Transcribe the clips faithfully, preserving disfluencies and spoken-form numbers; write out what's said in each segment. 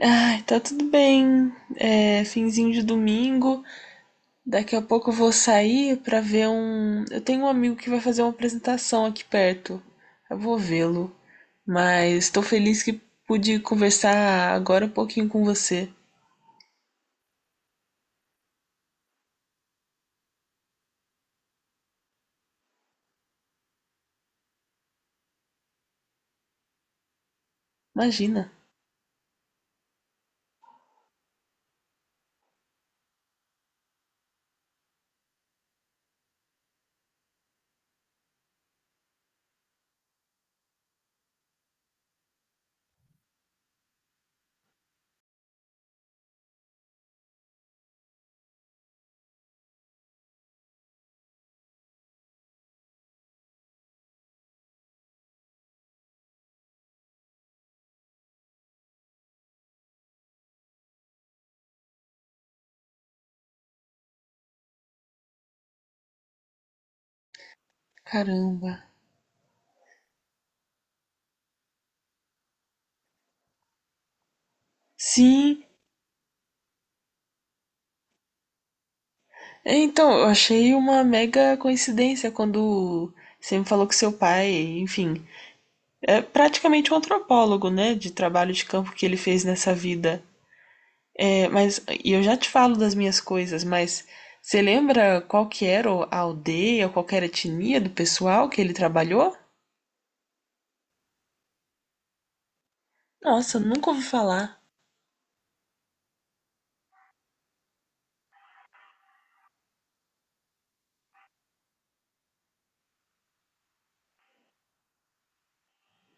Ai, tá tudo bem. É, finzinho de domingo. Daqui a pouco eu vou sair pra ver um. Eu tenho um amigo que vai fazer uma apresentação aqui perto. Eu vou vê-lo. Mas tô feliz que pude conversar agora um pouquinho com você. Imagina. Caramba. Sim. Então, eu achei uma mega coincidência quando você me falou que seu pai, enfim, é praticamente um antropólogo, né? De trabalho de campo que ele fez nessa vida. É, mas e eu já te falo das minhas coisas, mas você lembra qual que era a aldeia, qual que era a etnia do pessoal que ele trabalhou? Nossa, nunca ouvi falar.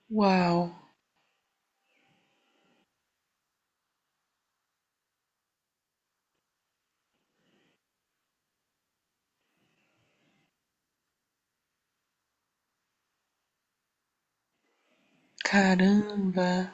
Uau, caramba.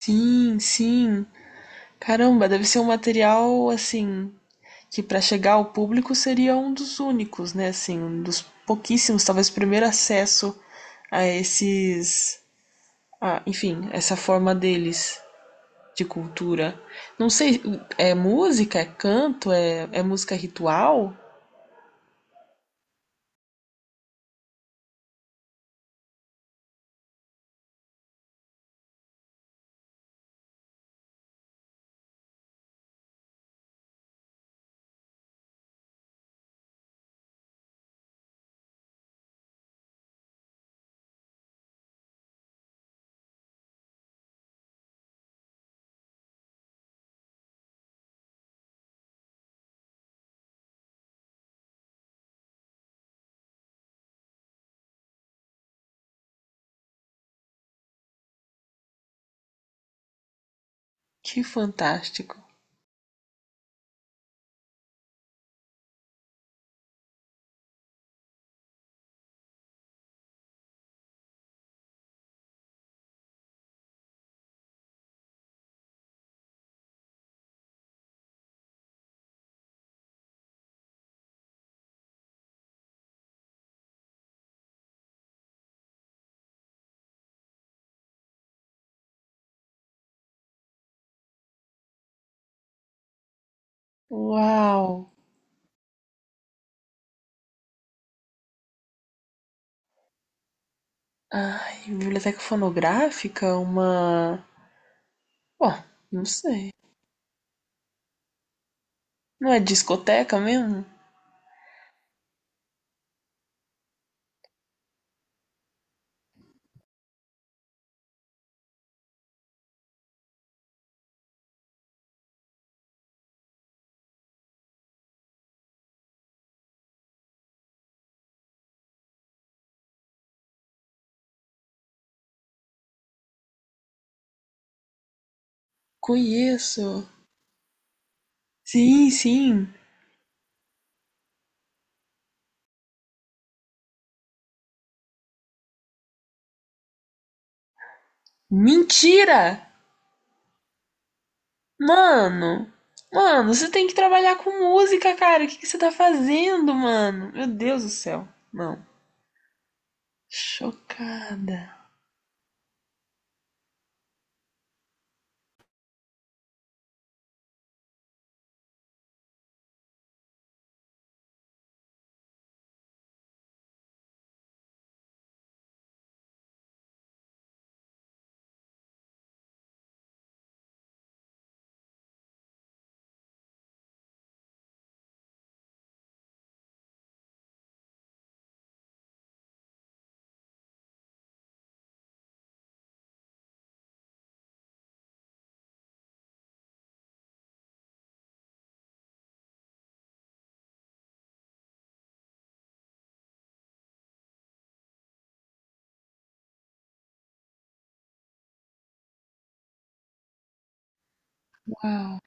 Sim, sim. Caramba, deve ser um material assim que para chegar ao público seria um dos únicos, né? Assim, um dos pouquíssimos, talvez o primeiro acesso a esses, a, enfim, essa forma deles de cultura. Não sei, é música, é canto, é, é música ritual? Que fantástico. Uau! Ai, biblioteca fonográfica? Uma. Bom, não sei. Não é discoteca mesmo? Conheço. Sim, sim. Mentira! Mano! Mano, você tem que trabalhar com música, cara. O que, que você tá fazendo, mano? Meu Deus do céu. Não. Chocada. Uau,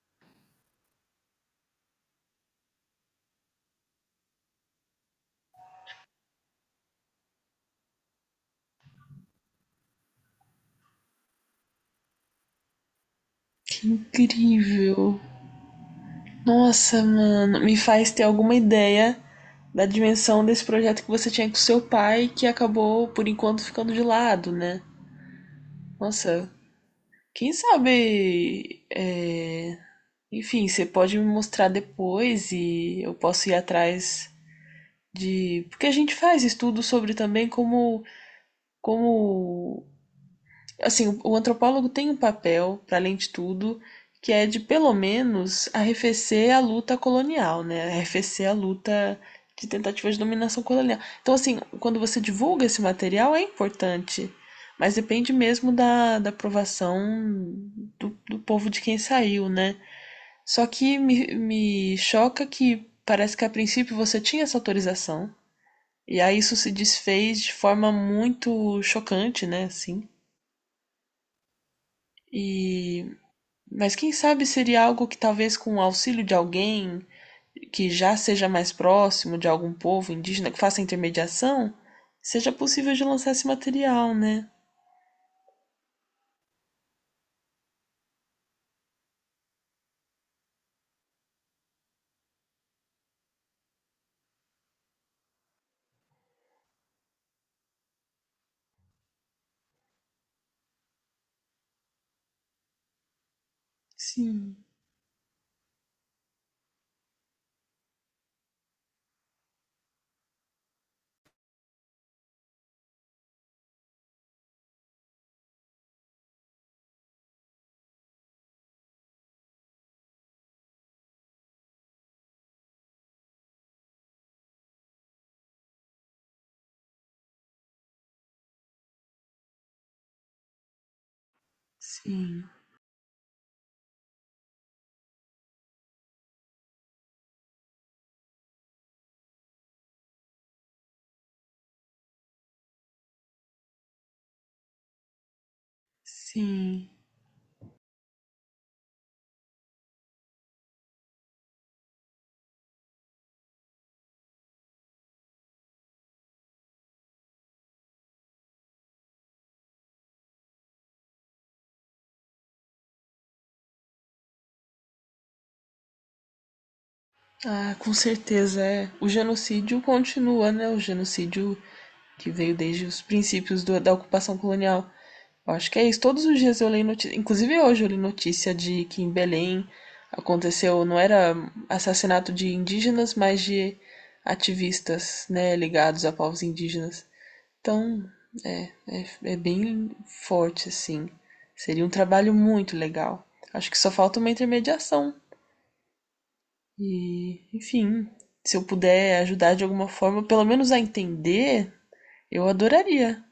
que incrível. Nossa, mano, me faz ter alguma ideia da dimensão desse projeto que você tinha com seu pai, que acabou, por enquanto, ficando de lado, né? Nossa, quem sabe. É, enfim, você pode me mostrar depois e eu posso ir atrás de. Porque a gente faz estudo sobre também como, como assim, o, o antropólogo tem um papel, para além de tudo, que é de pelo menos arrefecer a luta colonial, né? Arrefecer a luta de tentativa de dominação colonial. Então, assim, quando você divulga esse material é importante, mas depende mesmo da, da aprovação do, do povo de quem saiu, né? Só que me, me choca que parece que a princípio você tinha essa autorização, e aí isso se desfez de forma muito chocante, né? Assim. E mas quem sabe seria algo que talvez com o auxílio de alguém que já seja mais próximo de algum povo indígena que faça intermediação, seja possível de lançar esse material, né? Sim, sim, sim. Ah, com certeza é. O genocídio continua, né? O genocídio que veio desde os princípios do- da ocupação colonial. Eu acho que é isso. Todos os dias eu leio notícia, inclusive hoje eu li notícia de que em Belém aconteceu, não era assassinato de indígenas, mas de ativistas, né, ligados a povos indígenas. Então, é, é, é bem forte assim. Seria um trabalho muito legal. Acho que só falta uma intermediação e, enfim, se eu puder ajudar de alguma forma, pelo menos a entender, eu adoraria.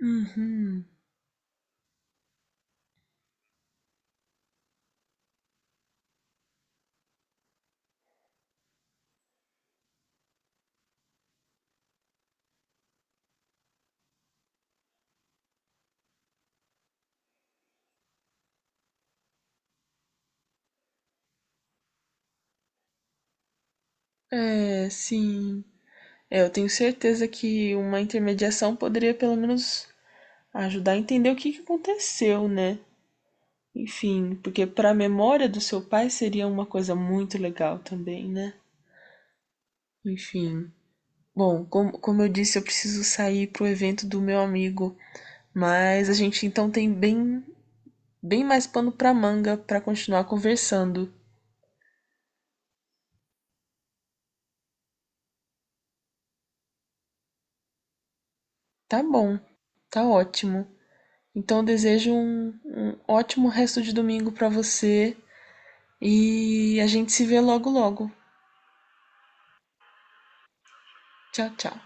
Uhum. É, sim. É, eu tenho certeza que uma intermediação poderia pelo menos ajudar a entender o que que aconteceu, né? Enfim, porque para a memória do seu pai seria uma coisa muito legal também, né? Enfim. Bom, como, como eu disse, eu preciso sair pro evento do meu amigo, mas a gente então tem bem bem mais pano para manga para continuar conversando. Tá bom, tá ótimo. Então eu desejo um, um ótimo resto de domingo para você e a gente se vê logo logo. Tchau, tchau.